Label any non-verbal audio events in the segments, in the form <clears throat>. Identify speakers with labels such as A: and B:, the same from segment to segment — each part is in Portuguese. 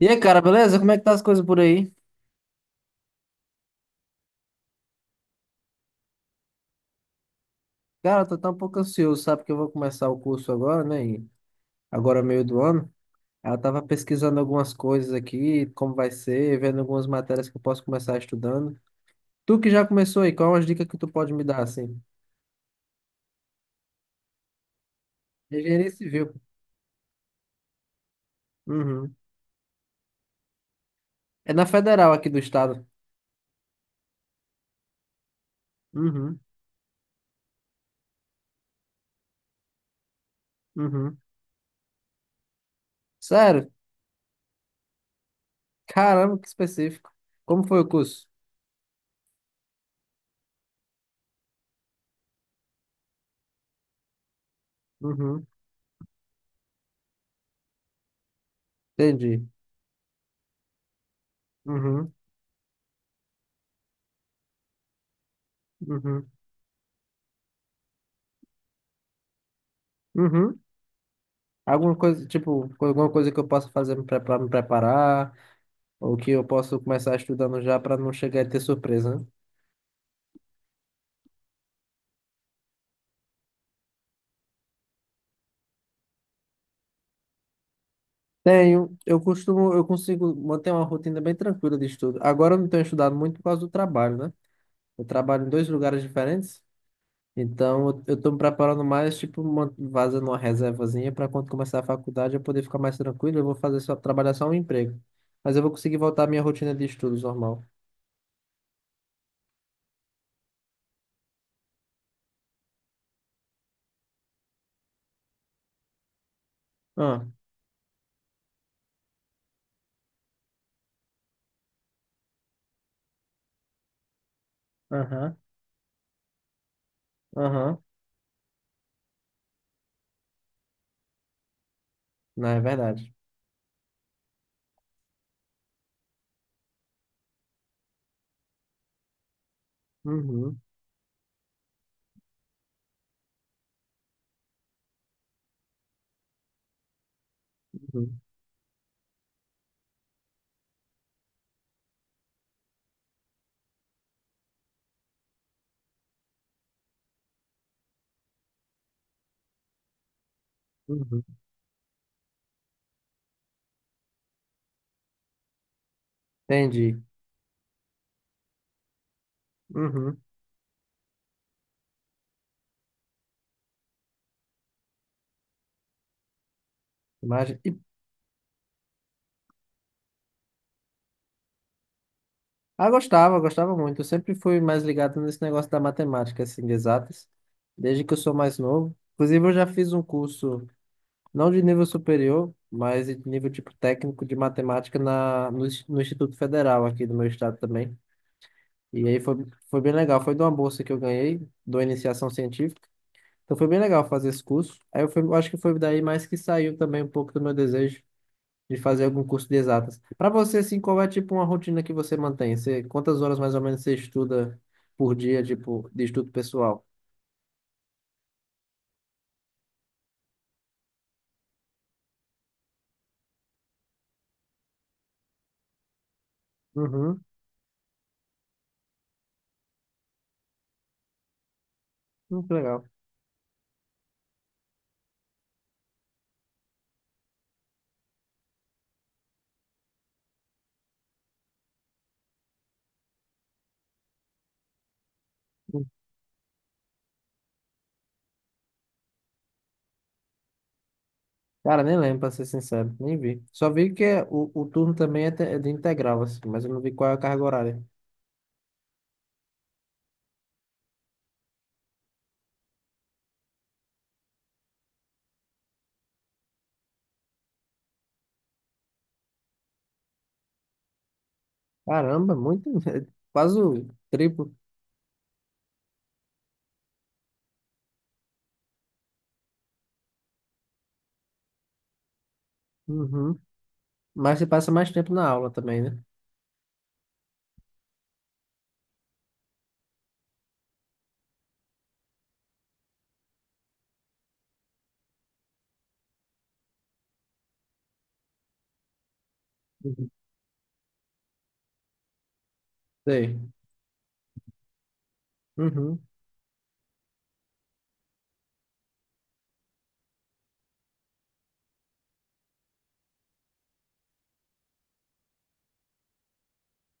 A: E aí, cara, beleza? Como é que tá as coisas por aí? Cara, eu tô tão um pouco ansioso, sabe? Que eu vou começar o curso agora, né? E agora, é meio do ano. Aí, eu tava pesquisando algumas coisas aqui, como vai ser, vendo algumas matérias que eu posso começar estudando. Tu que já começou aí, qual é uma dica que tu pode me dar, assim? Engenharia civil. Uhum. É na federal aqui do estado. Uhum. Uhum. Sério? Caramba, que específico. Como foi o curso? Uhum. Entendi. Uhum. Uhum. Uhum. Alguma coisa, tipo, alguma coisa que eu possa fazer para me preparar, ou que eu posso começar estudando já para não chegar e ter surpresa, né? Tenho, eu costumo, eu consigo manter uma rotina bem tranquila de estudo. Agora eu não tenho estudado muito por causa do trabalho, né? Eu trabalho em dois lugares diferentes, então eu tô me preparando mais, tipo, fazendo uma reservazinha para quando começar a faculdade eu poder ficar mais tranquilo, eu vou fazer só, trabalhar só um emprego. Mas eu vou conseguir voltar à minha rotina de estudos normal. Ah, aham, aham, não, é verdade. Uhum. Uhum. Uhum. Entendi. Uhum. Imagem. E, ah, gostava, gostava muito. Eu sempre fui mais ligado nesse negócio da matemática, assim, de exatas, desde que eu sou mais novo. Inclusive, eu já fiz um curso, não de nível superior, mas de nível tipo técnico de matemática na, no, Ins- no Instituto Federal aqui do meu estado também. E aí foi bem legal. Foi de uma bolsa que eu ganhei, da iniciação científica. Então foi bem legal fazer esse curso. Aí eu acho que foi daí mais que saiu também um pouco do meu desejo de fazer algum curso de exatas. Para você, assim, qual é, tipo, uma rotina que você mantém? Você, quantas horas, mais ou menos, você estuda por dia, tipo, de estudo pessoal? Uhum, muito legal. Hum. Cara, nem lembro, para ser sincero, nem vi. Só vi que o turno também é de integral, assim, mas eu não vi qual é a carga horária. Caramba, muito, <laughs> quase o triplo. Uhum. Mas você passa mais tempo na aula também, né? Uhum. Sei. Uhum.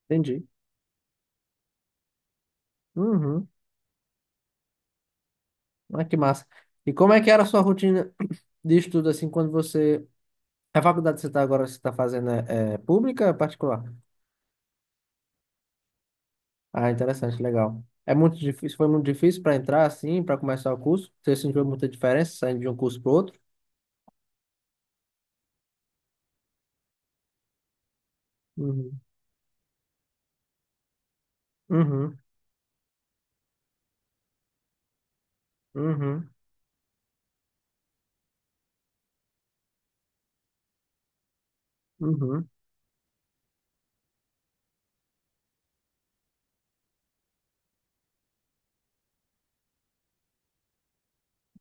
A: Entendi. Uhum. Ah, que massa. E como é que era a sua rotina <clears throat> de estudo, assim, quando você... A faculdade que você está agora, você está fazendo é pública ou é particular? Ah, interessante, legal. É muito difícil, foi muito difícil para entrar assim, para começar o curso? Você sentiu muita diferença saindo de um curso para outro? Uhum. Uhum. Uhum. Uhum.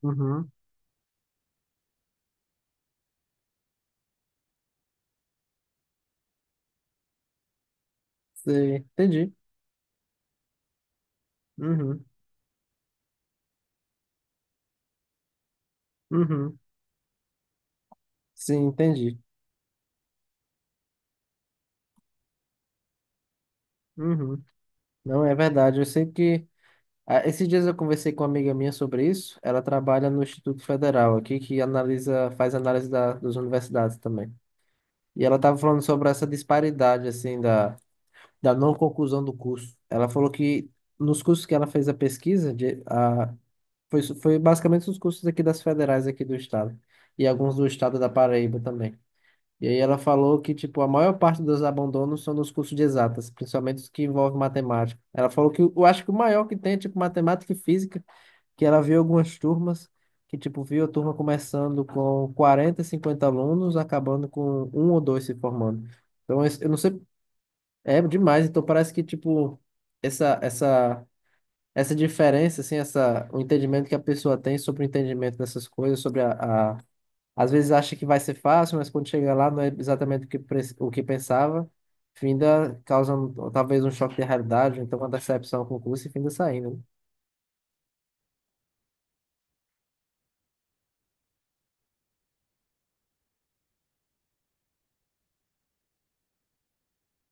A: Uhum. Sim, entendi. Uhum. Uhum. Sim, entendi. Uhum. Não, é verdade. Eu sei que esses dias eu conversei com uma amiga minha sobre isso. Ela trabalha no Instituto Federal aqui, que analisa, faz análise das universidades também. E ela estava falando sobre essa disparidade, assim, da não conclusão do curso. Ela falou que nos cursos que ela fez a pesquisa, foi basicamente os cursos aqui das federais aqui do estado, e alguns do estado da Paraíba também. E aí ela falou que, tipo, a maior parte dos abandonos são nos cursos de exatas, principalmente os que envolvem matemática. Ela falou que eu acho que o maior que tem é, tipo, matemática e física, que ela viu algumas turmas que, tipo, viu a turma começando com 40, 50 alunos, acabando com um ou dois se formando. Então, eu não sei, é demais. Então, parece que, tipo, essa, essa, essa diferença, assim, o entendimento que a pessoa tem sobre o entendimento dessas coisas, sobre a... Às vezes acha que vai ser fácil, mas quando chega lá não é exatamente o que pensava. Finda causando talvez um choque de realidade, então uma decepção com o curso e finda saindo.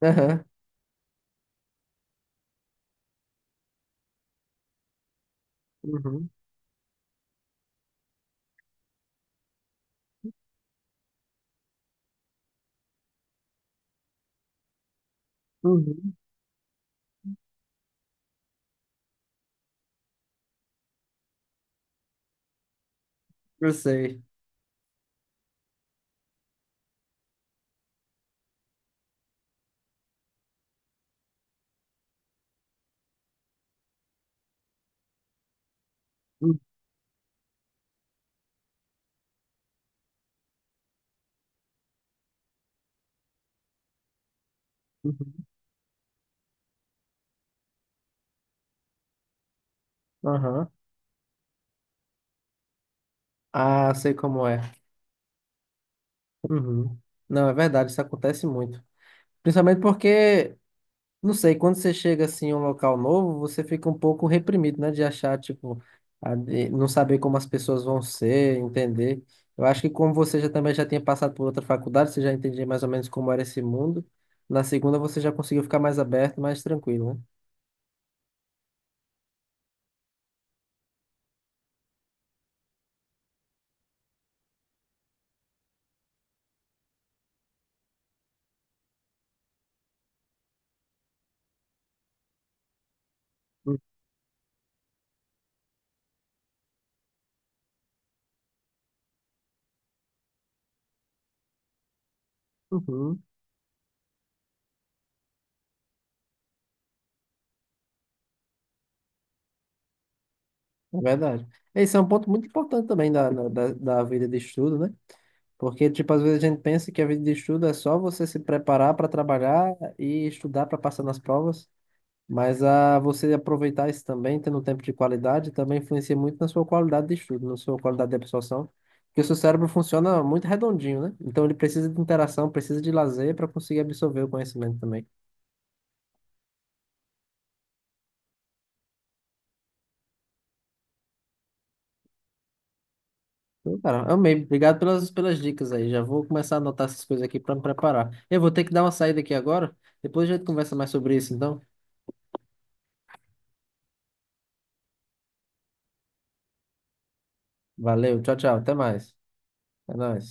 A: Né? <laughs> Aham. Uhum. Uhum. Eu sei. Uhum. Aham. Ah, sei como é. Uhum. Não, é verdade, isso acontece muito. Principalmente porque, não sei, quando você chega assim em um local novo, você fica um pouco reprimido, né? De achar, tipo, de não saber como as pessoas vão ser, entender. Eu acho que como você já também já tinha passado por outra faculdade, você já entendia mais ou menos como era esse mundo. Na segunda você já conseguiu ficar mais aberto, mais tranquilo, né? Uhum. É verdade. Esse é um ponto muito importante também da vida de estudo, né? Porque, tipo, às vezes a gente pensa que a vida de estudo é só você se preparar para trabalhar e estudar para passar nas provas, mas a você aproveitar isso também, tendo um tempo de qualidade, também influencia muito na sua qualidade de estudo, na sua qualidade de absorção, porque o seu cérebro funciona muito redondinho, né? Então ele precisa de interação, precisa de lazer para conseguir absorver o conhecimento também. Então, cara, amei. Obrigado pelas dicas aí. Já vou começar a anotar essas coisas aqui para me preparar. Eu vou ter que dar uma saída aqui agora, depois a gente conversa mais sobre isso, então. Valeu, tchau, tchau, até mais. É nóis.